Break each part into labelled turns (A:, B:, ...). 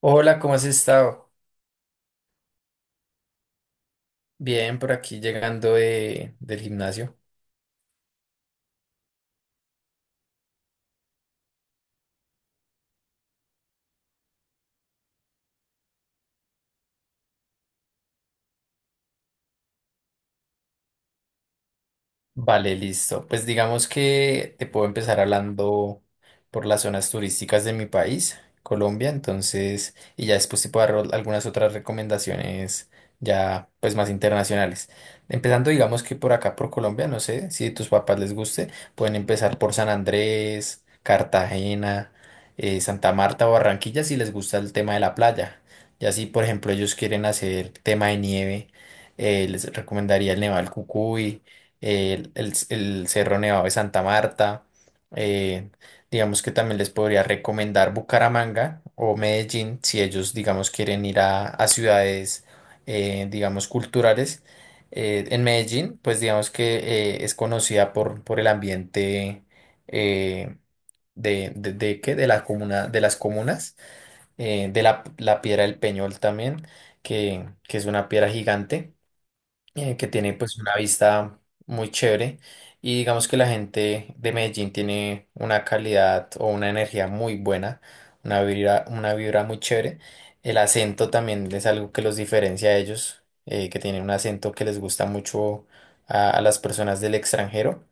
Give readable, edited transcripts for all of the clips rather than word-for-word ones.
A: Hola, ¿cómo has estado? Bien, por aquí llegando del gimnasio. Vale, listo. Pues digamos que te puedo empezar hablando por las zonas turísticas de mi país, Colombia, entonces, y ya después te puedo dar algunas otras recomendaciones ya pues más internacionales. Empezando digamos que por acá, por Colombia, no sé si a tus papás les guste, pueden empezar por San Andrés, Cartagena, Santa Marta o Barranquilla si les gusta el tema de la playa. Y así, por ejemplo, ellos quieren hacer tema de nieve, les recomendaría el Nevado del Cucuy el Cerro Nevado de Santa Marta. eh, digamos que también les podría recomendar Bucaramanga o Medellín si ellos, digamos, quieren ir a ciudades, digamos, culturales. En Medellín, pues digamos que es conocida por el ambiente, eh, de, ¿qué?, de la comuna, de las comunas, de la Piedra del Peñol también, que es una piedra gigante, que tiene pues una vista muy chévere, y digamos que la gente de Medellín tiene una calidad o una energía muy buena, una vibra muy chévere. El acento también es algo que los diferencia a ellos, que tienen un acento que les gusta mucho a las personas del extranjero.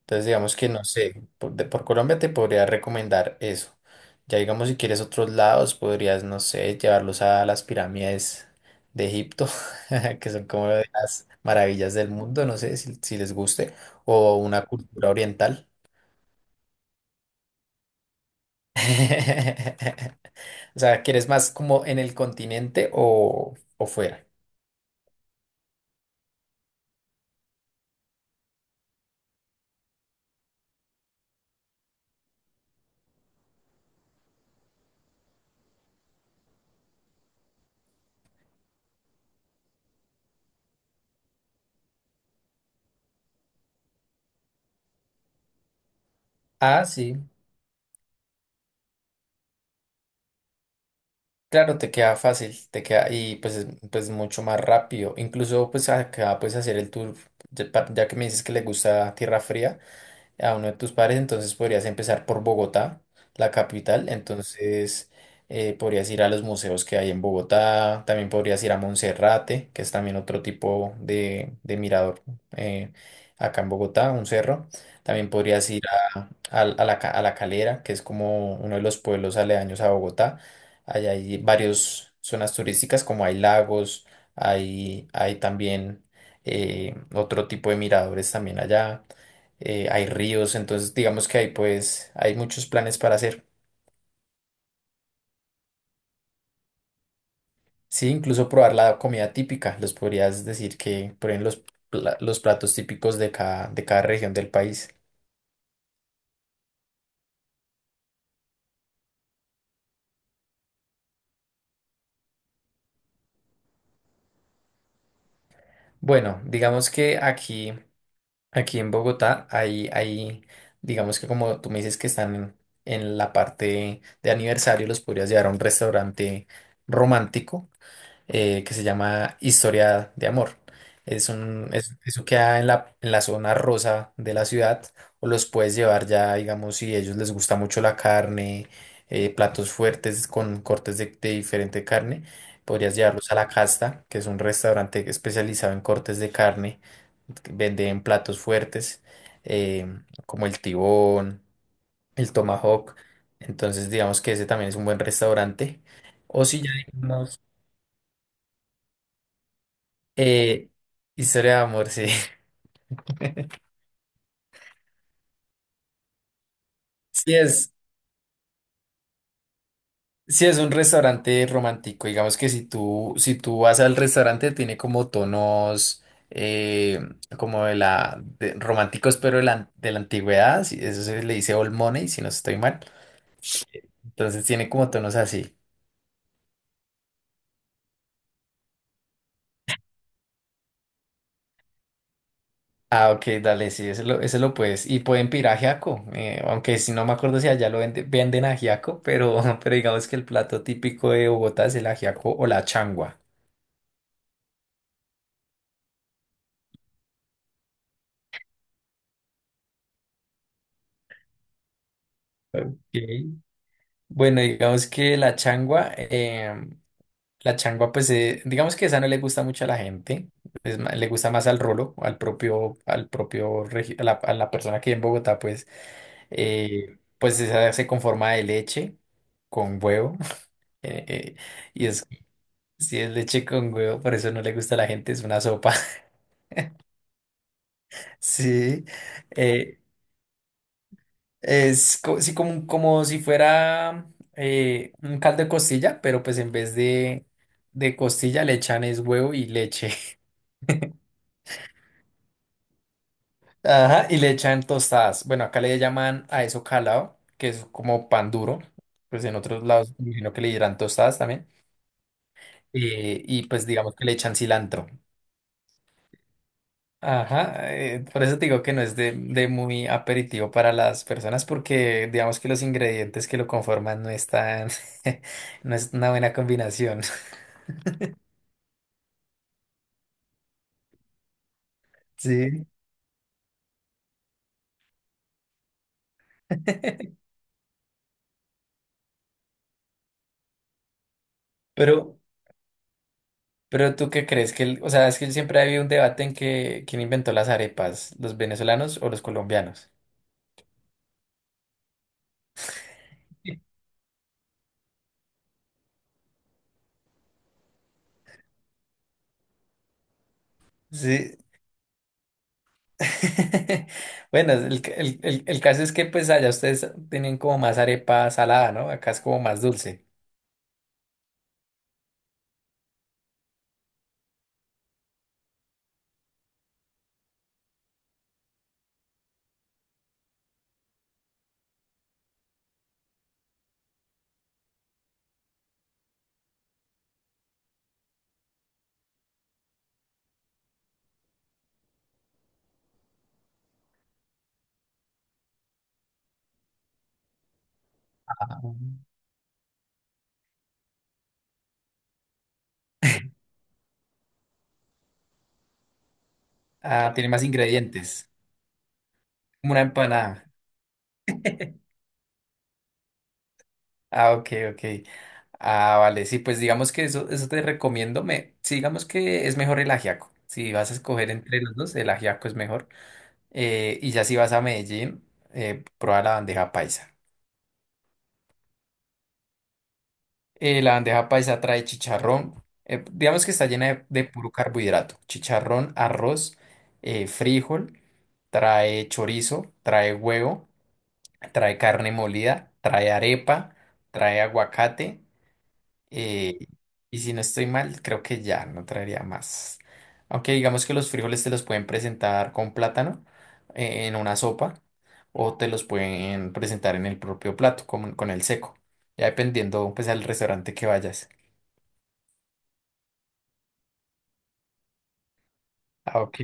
A: Entonces, digamos que no sé, por Colombia te podría recomendar eso. Ya digamos, si quieres otros lados, podrías, no sé, llevarlos a las pirámides de Egipto, que son como de las maravillas del mundo, no sé si les guste, o una cultura oriental. O sea, ¿quieres más como en el continente o fuera? Ah, sí. Claro, te queda fácil, te queda y pues mucho más rápido. Incluso pues acá puedes hacer el tour, ya, ya que me dices que le gusta tierra fría a uno de tus pares, entonces podrías empezar por Bogotá, la capital. Mm. Entonces, podrías ir a los museos que hay en Bogotá, también podrías ir a Monserrate, que es también otro tipo de mirador, eh, acá en Bogotá, un cerro, también podrías ir a La Calera, que es como uno de los pueblos aledaños a Bogotá. Allá hay varias zonas turísticas, como hay lagos, hay también... otro tipo de miradores también allá, hay ríos, entonces digamos que hay muchos planes para hacer. Sí, incluso probar la comida típica, les podrías decir que prueben los platos típicos de de cada región del país. Bueno, digamos que aquí en Bogotá hay, digamos que como tú me dices que están en la parte de aniversario, los podrías llevar a un restaurante romántico, que se llama Historia de Amor. Eso queda en en la zona rosa de la ciudad, o los puedes llevar ya, digamos, si a ellos les gusta mucho la carne, platos fuertes con cortes de diferente carne. Podrías llevarlos a La Casta, que es un restaurante especializado en cortes de carne, que venden platos fuertes, eh, como el tibón, el tomahawk, entonces digamos que ese también es un buen restaurante. O si ya... Eh, Historia de Amor, sí. Sí es, sí es un restaurante romántico. Digamos que si tú vas al restaurante, tiene como tonos, eh, como románticos, pero de de la antigüedad. Sí, eso se le dice old money, si no estoy mal. Entonces tiene como tonos así. Ah, ok, dale, sí, ese lo puedes. Y pueden pedir ajiaco, aunque si no me acuerdo si allá venden, ajiaco, pero pero digamos que el plato típico de Bogotá es el ajiaco o la changua. Ok. Bueno, digamos que la changua, em, la changua, pues digamos que esa no le gusta mucho a la gente, le gusta más al rolo, al propio, a la persona que en Bogotá, pues, pues esa se conforma de leche con huevo, eh, eh, y es, si es leche con huevo, por eso no le gusta a la gente, es una sopa, sí, eh, sí, como, como si fuera un caldo de costilla, pero pues en vez de costilla le echan es huevo y leche. Ajá, y le echan tostadas. Bueno, acá le llaman a eso calado, que es como pan duro. Pues en otros lados me imagino que le dirán tostadas también. Y pues digamos que le echan cilantro. Ajá, por eso te digo que no es de muy aperitivo para las personas porque digamos que los ingredientes que lo conforman no están, no es una buena combinación. Sí. Pero, pero ¿tú qué crees? O sea, es que siempre ha habido un debate en que quién inventó las arepas, los venezolanos o los colombianos. Sí. Bueno, el, ca- el caso es que pues allá ustedes tienen como más arepa salada, ¿no? Acá es como más dulce. Ah. Ah, tiene más ingredientes. Como una empanada. Ah, ok, ok. Ah, vale, sí, pues digamos que eso te recomiendo. Me, sí, digamos que es mejor el ajiaco. Si vas a escoger entre los dos, el ajiaco es mejor. Y ya si vas a Medellín, prueba la bandeja paisa. La bandeja paisa trae chicharrón, digamos que está llena de puro carbohidrato. Chicharrón, arroz, frijol, trae chorizo, trae huevo, trae carne molida, trae arepa, trae aguacate. Eh, y si no estoy mal, creo que ya no traería más. Aunque digamos que los frijoles te los pueden presentar con plátano, en una sopa o te los pueden presentar en el propio plato con el seco. Ya dependiendo pues al restaurante que vayas. Ah, ok.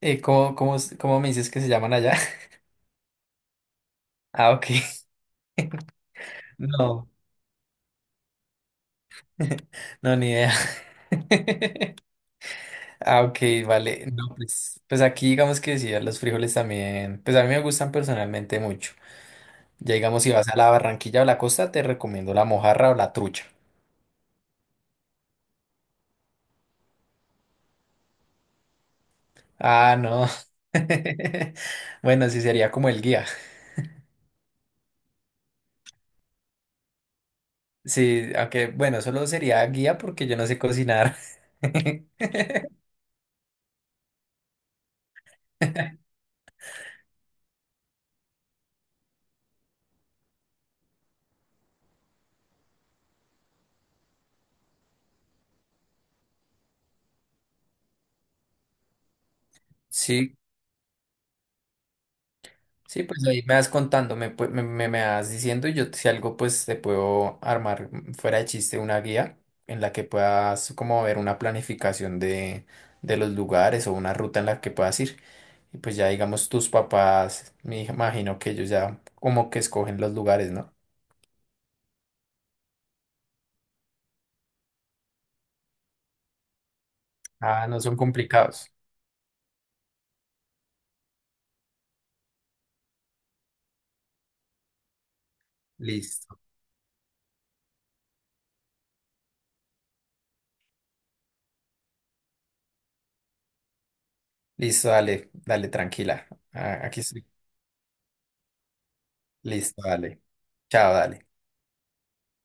A: Cómo me dices que se llaman allá? Ah, ok. No, no, ni idea. Ah, ok, vale. No, pues, pues aquí digamos que sí, a los frijoles también, pues a mí me gustan personalmente mucho. Ya digamos, si vas a la Barranquilla o la costa, te recomiendo la mojarra o la trucha. Ah, no. Bueno, sí sería como el guía. Sí, aunque bueno, solo sería guía porque yo no sé cocinar. Sí, sí, pues ahí me vas contando, me- vas diciendo y yo si algo pues te puedo armar, mm, fuera de chiste una guía en la que puedas como ver una planificación de los lugares o una ruta en la que puedas ir. Y pues ya digamos tus papás, me imagino que ellos ya como que escogen los lugares, ¿no? Ah, no son complicados. Listo. Listo, dale, dale, tranquila. Ah, aquí estoy. Listo, dale. Chao, dale.